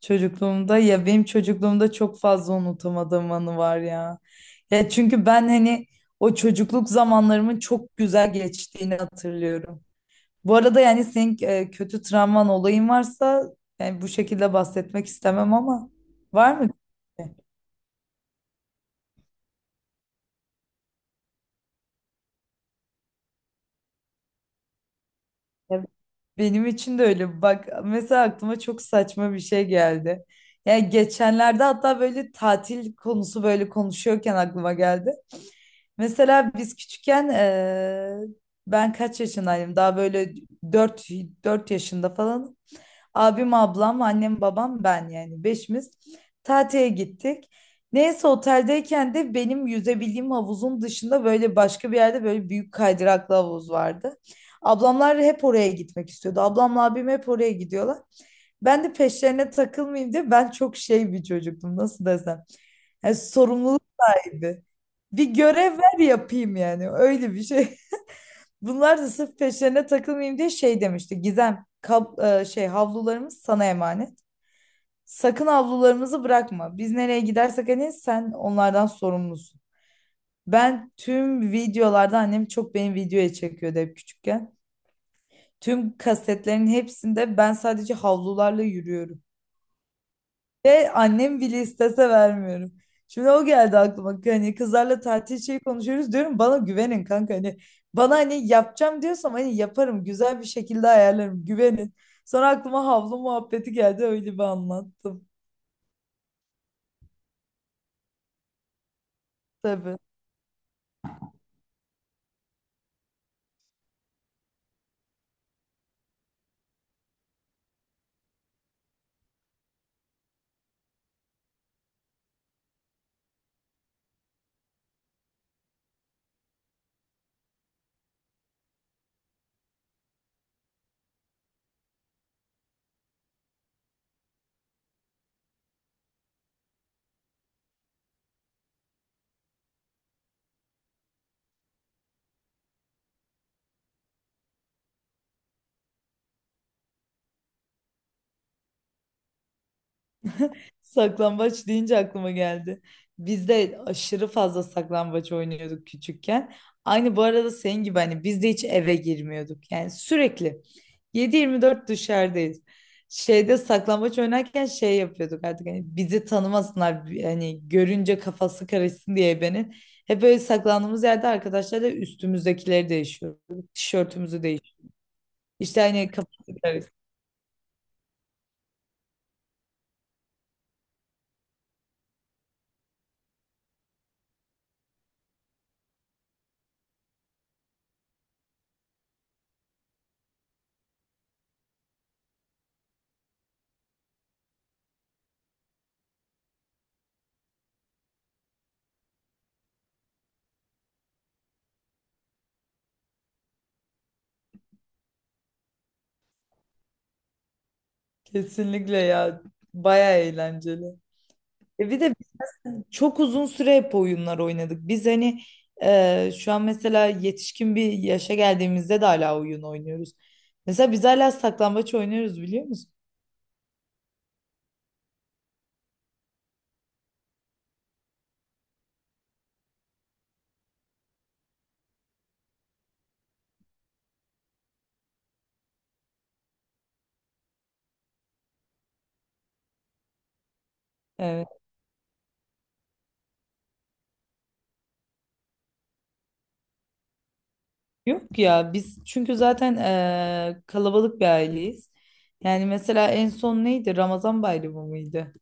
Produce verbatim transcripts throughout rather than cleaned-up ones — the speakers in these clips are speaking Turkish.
Çocukluğumda ya benim çocukluğumda çok fazla unutamadığım anı var ya. Ya çünkü ben hani o çocukluk zamanlarımın çok güzel geçtiğini hatırlıyorum. Bu arada yani senin e, kötü travman olayın varsa, yani bu şekilde bahsetmek istemem ama var mı? Ya, Benim için de öyle. Bak, mesela aklıma çok saçma bir şey geldi. Yani geçenlerde hatta böyle tatil konusu böyle konuşuyorken aklıma geldi. Mesela biz küçükken eee, ben kaç yaşındaydım? Daha böyle dört dört yaşında falan. Abim, ablam, annem, babam, ben, yani beşimiz tatile gittik. Neyse, oteldeyken de benim yüzebildiğim havuzun dışında böyle başka bir yerde böyle büyük kaydıraklı havuz vardı. Ablamlar hep oraya gitmek istiyordu. Ablamla abim hep oraya gidiyorlar. Ben de peşlerine takılmayayım diye, ben çok şey bir çocuktum, nasıl desem. Yani sorumluluk sahibi. Bir görev ver yapayım yani. Öyle bir şey. Bunlar da sırf peşlerine takılmayayım diye şey demişti. Gizem, kab- e, şey havlularımız sana emanet. Sakın havlularımızı bırakma. Biz nereye gidersek hani, sen onlardan sorumlusun. Ben, tüm videolarda annem çok beni videoya çekiyordu hep küçükken. Tüm kasetlerin hepsinde ben sadece havlularla yürüyorum. Ve annem bile istese vermiyorum. Şimdi o geldi aklıma. Hani kızlarla tatil şeyi konuşuyoruz, diyorum, bana güvenin kanka. Hani bana hani yapacağım diyorsam hani yaparım. Güzel bir şekilde ayarlarım. Güvenin. Sonra aklıma havlu muhabbeti geldi. Öyle bir anlattım. Tabii. Saklambaç deyince aklıma geldi. Biz de aşırı fazla saklambaç oynuyorduk küçükken. Aynı bu arada senin gibi, hani biz de hiç eve girmiyorduk. Yani sürekli yedi yirmi dört dışarıdayız. Şeyde saklambaç oynarken şey yapıyorduk artık, hani bizi tanımasınlar, hani görünce kafası karışsın diye ebenin. Hep böyle saklandığımız yerde arkadaşlarla üstümüzdekileri değişiyorduk. Tişörtümüzü değiş. İşte hani kafası karışsın. Kesinlikle ya. Baya eğlenceli. E bir de çok uzun süre hep oyunlar oynadık. Biz hani e, şu an mesela yetişkin bir yaşa geldiğimizde de hala oyun oynuyoruz. Mesela biz hala saklambaç oynuyoruz, biliyor musun? Evet. Yok ya, biz çünkü zaten e, kalabalık bir aileyiz. Yani mesela en son neydi? Ramazan bayramı mıydı?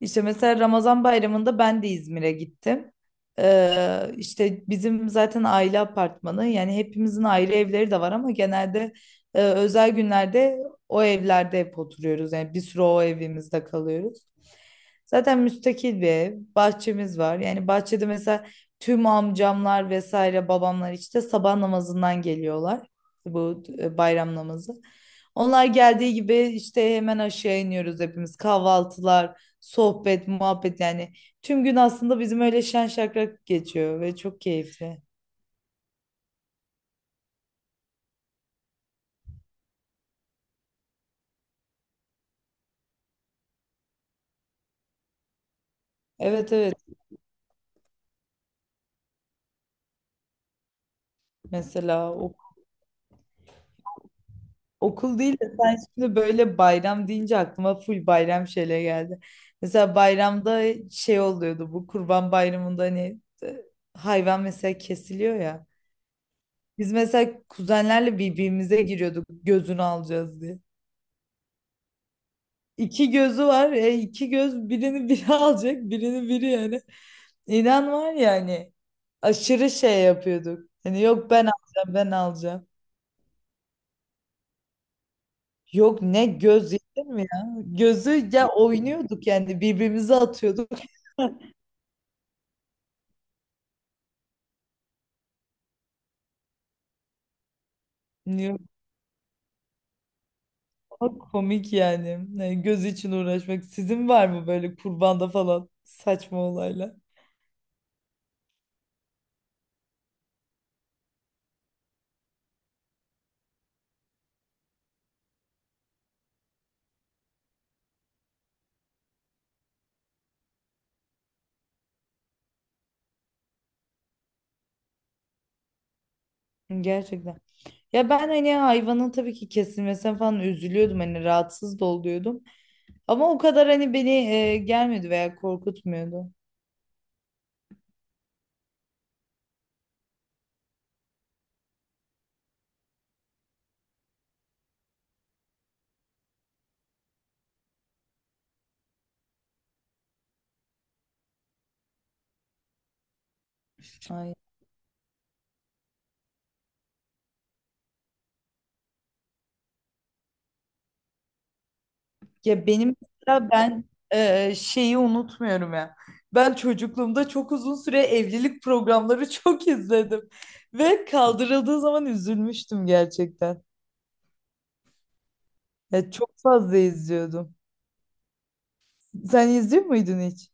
İşte mesela Ramazan bayramında ben de İzmir'e gittim. Ee, işte bizim zaten aile apartmanı, yani hepimizin aile evleri de var ama genelde e, özel günlerde o evlerde hep oturuyoruz. Yani bir süre o evimizde kalıyoruz. Zaten müstakil bir ev, bahçemiz var. Yani bahçede mesela tüm amcamlar vesaire, babamlar işte sabah namazından geliyorlar. Bu e, bayram namazı. Onlar geldiği gibi işte hemen aşağı iniyoruz hepimiz, kahvaltılar, sohbet, muhabbet, yani tüm gün aslında bizim öyle şen şakrak geçiyor ve çok keyifli. Evet, evet, mesela ok- okul değil de, sen şimdi böyle bayram deyince aklıma full bayram şeyle geldi. Mesela bayramda şey oluyordu, bu Kurban Bayramı'nda hani, e, hayvan mesela kesiliyor ya. Biz mesela kuzenlerle birbirimize giriyorduk, gözünü alacağız diye. İki gözü var. E, iki göz, birini biri alacak, birini biri yani. İnan var ya hani, aşırı şey yapıyorduk. Hani yok, ben alacağım, ben alacağım. Yok, ne göz yedin mi ya? Gözü ya, oynuyorduk yani, birbirimize atıyorduk. Hani, yok, çok komik yani. Yani göz için uğraşmak. Sizin var mı böyle kurbanda falan saçma olaylar? Gerçekten. Ya ben, hani hayvanın tabii ki kesilmesine falan üzülüyordum, hani rahatsız da oluyordum. Ama o kadar hani beni e, gelmedi veya korkutmuyordu. Ay. Ya benim mesela ben e, şeyi unutmuyorum ya. Ben çocukluğumda çok uzun süre evlilik programları çok izledim. Ve kaldırıldığı zaman üzülmüştüm gerçekten. Ya çok fazla izliyordum. Sen izliyor muydun hiç?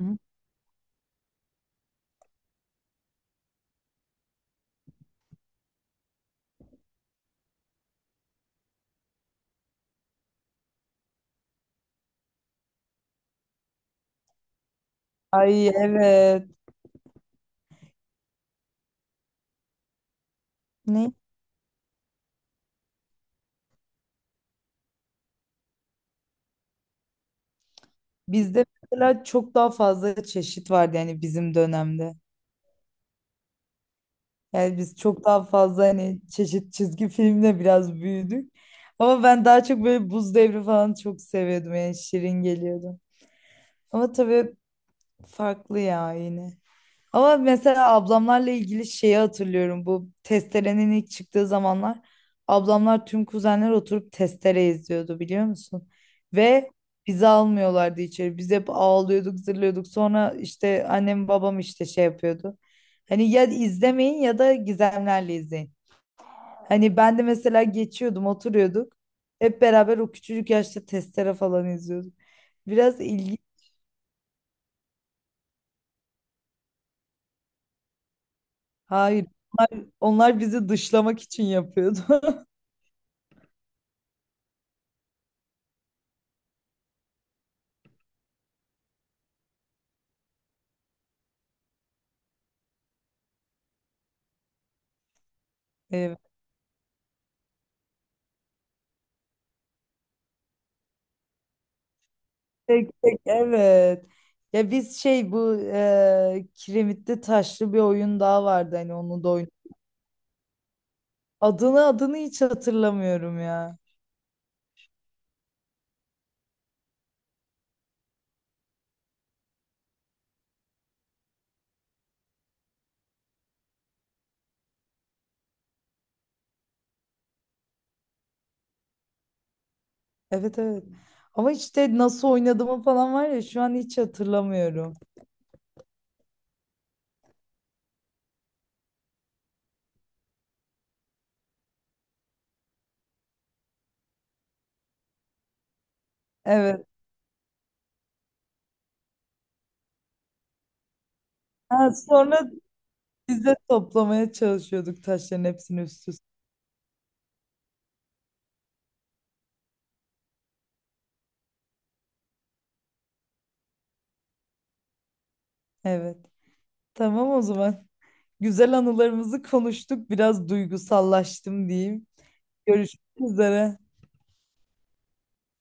Hı? Ay, evet. Ne? Bizde mesela çok daha fazla çeşit vardı yani bizim dönemde. Yani biz çok daha fazla hani çeşit çizgi filmle biraz büyüdük. Ama ben daha çok böyle Buz Devri falan çok seviyordum, yani şirin geliyordu. Ama tabii farklı ya yine. Ama mesela ablamlarla ilgili şeyi hatırlıyorum. Bu testerenin ilk çıktığı zamanlar ablamlar, tüm kuzenler oturup testere izliyordu, biliyor musun? Ve bizi almıyorlardı içeri. Biz hep ağlıyorduk, zırlıyorduk. Sonra işte annem babam işte şey yapıyordu. Hani ya izlemeyin ya da gizemlerle izleyin. Hani ben de mesela geçiyordum, oturuyorduk. Hep beraber o küçücük yaşta testere falan izliyorduk. Biraz ilginç. Hayır. Onlar bizi dışlamak için yapıyordu. Evet. Tek tek, evet. Ya biz şey, bu e, kiremitli taşlı bir oyun daha vardı hani, onu da oyun. Adını adını hiç hatırlamıyorum ya. Evet, evet. Ama işte nasıl oynadığımı falan var ya, şu an hiç hatırlamıyorum. Evet. Ha, sonra biz de toplamaya çalışıyorduk taşların hepsini üst üste. Evet. Tamam, o zaman. Güzel anılarımızı konuştuk. Biraz duygusallaştım diyeyim. Görüşmek üzere.